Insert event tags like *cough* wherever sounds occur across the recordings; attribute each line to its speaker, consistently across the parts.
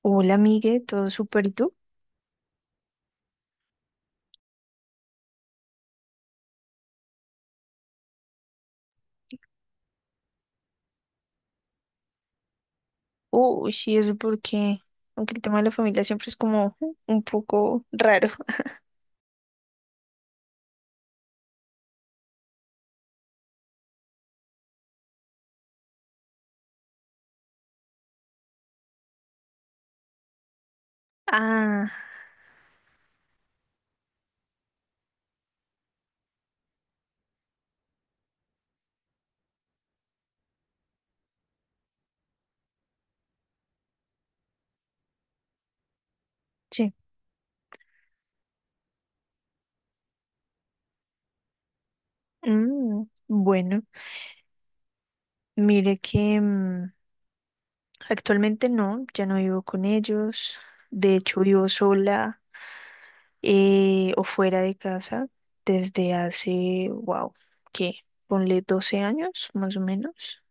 Speaker 1: Hola, amigue, todo súper, ¿y tú? Uy, sí, eso porque, aunque el tema de la familia siempre es como un poco raro. *laughs* Ah, sí. Mm, bueno, mire que actualmente no, ya no vivo con ellos. De hecho, vivo sola o fuera de casa desde hace, wow, ¿qué? Ponle 12 años, más o menos.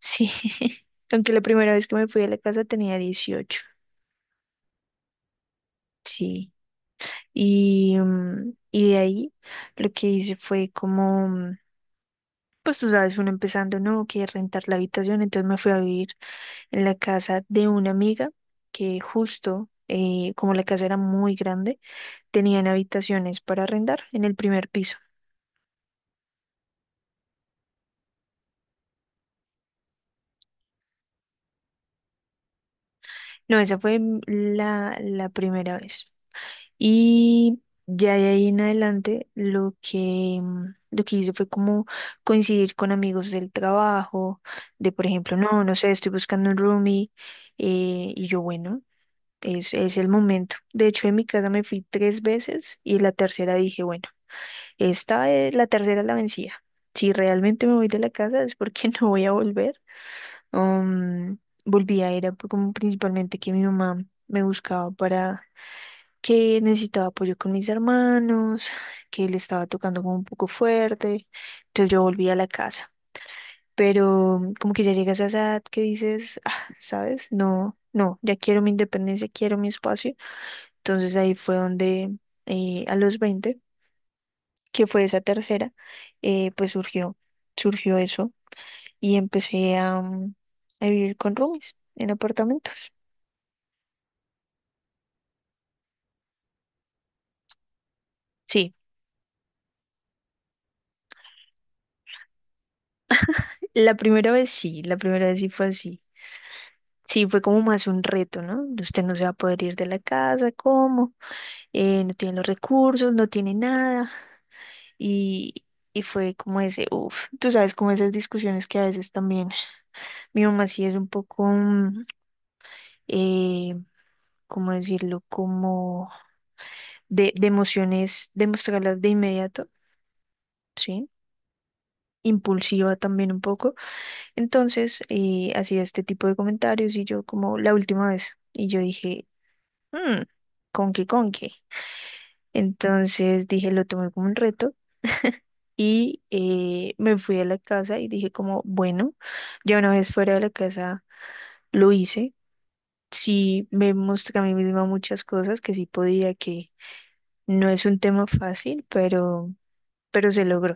Speaker 1: Sí, *laughs* aunque la primera vez que me fui a la casa tenía 18. Sí. Y de ahí lo que hice fue como, pues tú sabes, uno empezando, no, que rentar la habitación, entonces me fui a vivir en la casa de una amiga que justo, como la casa era muy grande, tenían habitaciones para arrendar en el primer piso. No, esa fue la primera vez. Y ya de ahí en adelante lo que hice fue como coincidir con amigos del trabajo, de por ejemplo, no, no sé, estoy buscando un roomie, y yo, bueno, es el momento. De hecho, en mi casa me fui tres veces y la tercera dije, bueno, esta es la tercera, es la vencida. Si realmente me voy de la casa, es porque *laughs* no voy a volver. Um, volví era como principalmente que mi mamá me buscaba para que necesitaba apoyo con mis hermanos, que le estaba tocando como un poco fuerte. Entonces yo volví a la casa. Pero como que ya llegas a esa edad que dices: "Ah, ¿sabes? No, no, ya quiero mi independencia, quiero mi espacio." Entonces ahí fue donde a los 20, que fue esa tercera, pues surgió, surgió eso y empecé a vivir con roomies en apartamentos. Sí, la primera vez sí, la primera vez sí fue así. Sí, fue como más un reto, ¿no? Usted no se va a poder ir de la casa, ¿cómo? No tiene los recursos, no tiene nada. Y, y fue como ese, uff, tú sabes, como esas discusiones que a veces también mi mamá sí es un poco, eh, ¿cómo decirlo? Como de emociones, de inmediato, ¿sí? Impulsiva también un poco. Entonces, hacía este tipo de comentarios, y yo como la última vez, y yo dije: "Mm, ¿con qué? Entonces dije, lo tomé como un reto y me fui a la casa y dije como, bueno, ya una vez fuera de la casa lo hice. Sí me mostré a mí misma muchas cosas que sí podía, que no es un tema fácil, pero se logró.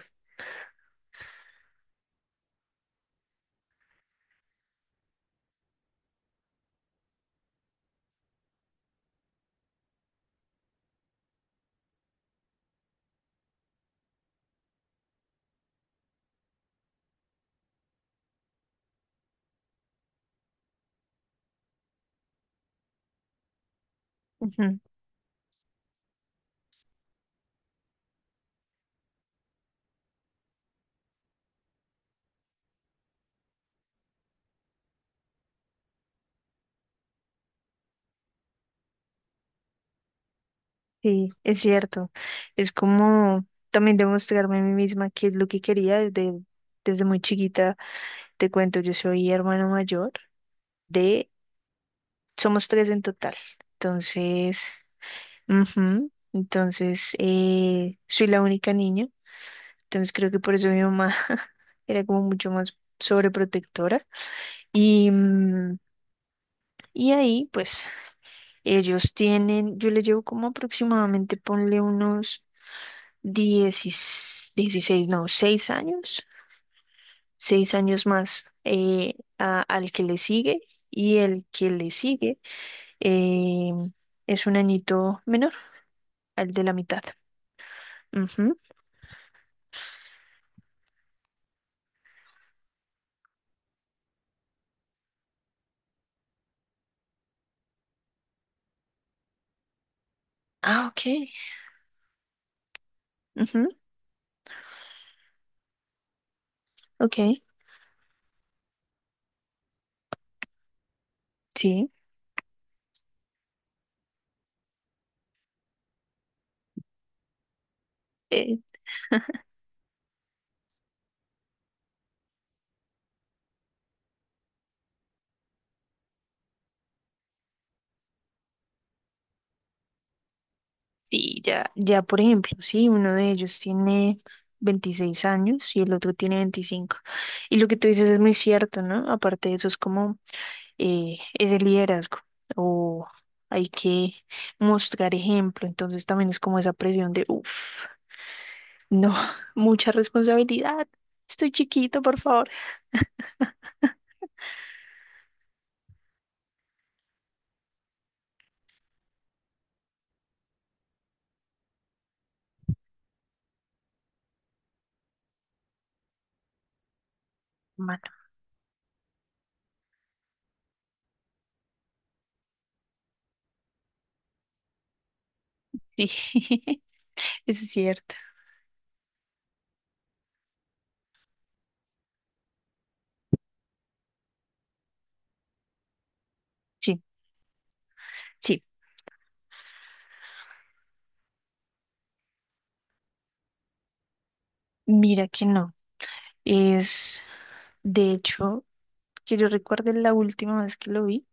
Speaker 1: Ujú, sí, es cierto. Es como también demostrarme a mí misma qué es lo que quería desde muy chiquita. Te cuento, yo soy hermano mayor de, somos tres en total. Entonces. Ujú. Entonces, soy la única niña, entonces creo que por eso mi mamá *laughs* era como mucho más sobreprotectora. Y, mm, y ahí, pues, ellos tienen, yo le llevo como aproximadamente, ponle unos 16, 16 no, 6 años, 6 años más al que le sigue, y el que le sigue eh, es un añito menor, al de la mitad. Ujú. Ah, ok. Ujú, ok. Sí, eh, sí, ya, ya por ejemplo, sí, uno de ellos tiene 26 años y el otro tiene 25. Y lo que tú dices es muy cierto, ¿no? Aparte de eso es como ese liderazgo o hay que mostrar ejemplo, entonces también es como esa presión de, uff, no, *laughs* mucha responsabilidad, estoy chiquito, por favor. Mano, sí, *laughs* eso es cierto. Sí, sí, mira que no, es, de hecho. Que yo recuerde, la última vez que lo vi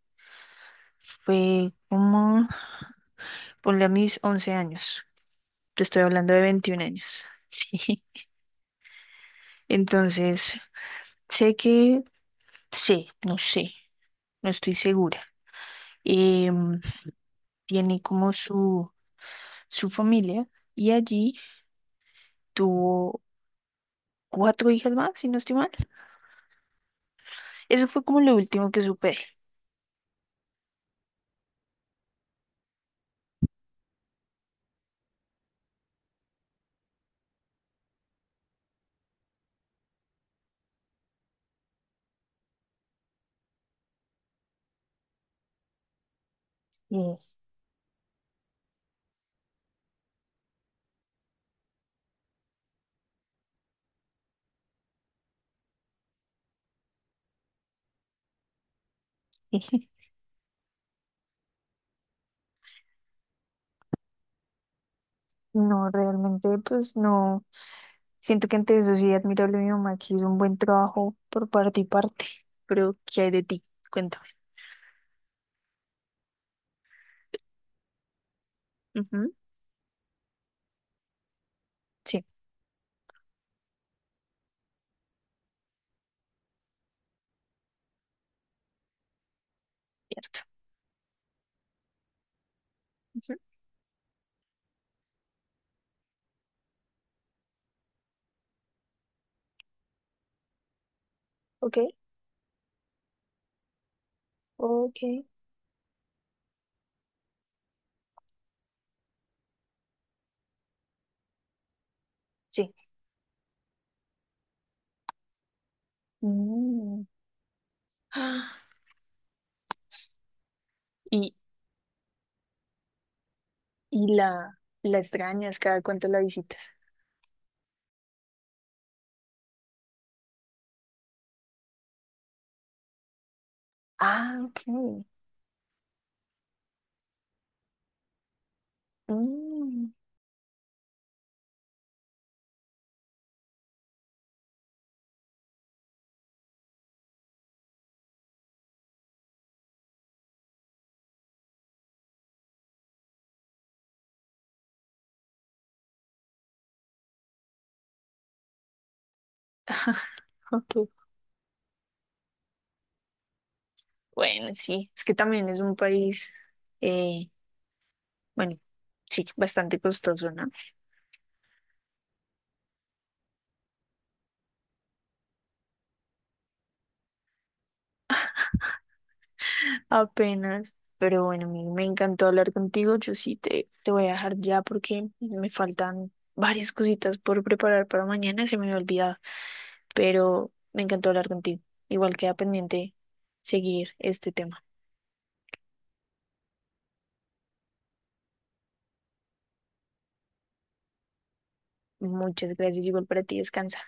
Speaker 1: fue como, ponle, a mis 11 años. Te estoy hablando de 21 años. *laughs* Sí. Entonces, sé que, no sé, no estoy segura. Em, tiene como su familia, y allí tuvo cuatro hijas más, si no estoy mal. Eso fue como lo último que supe. Y- *laughs* No, realmente, pues no. Siento que ante eso sí, admirable mi mamá que hizo un buen trabajo por parte y parte, pero ¿qué hay de ti? Cuéntame. Ujú, sí, cierto. Ujú, ok, ok, sí. Mm. *gasps* Ah, Y, y la extrañas? ¿Cada cuánto la visitas? Ah, ok. Mm, *laughs* ok. Bueno, sí, es que también es un país, eh, bueno, sí, bastante costoso, ¿no? Apenas. Pero bueno, me encantó hablar contigo. Yo sí te voy a dejar ya porque me faltan varias cositas por preparar para mañana. Se me había olvidado. Pero me encantó hablar contigo. Igual queda pendiente seguir este tema. Muchas gracias. Igual para ti. Descansa.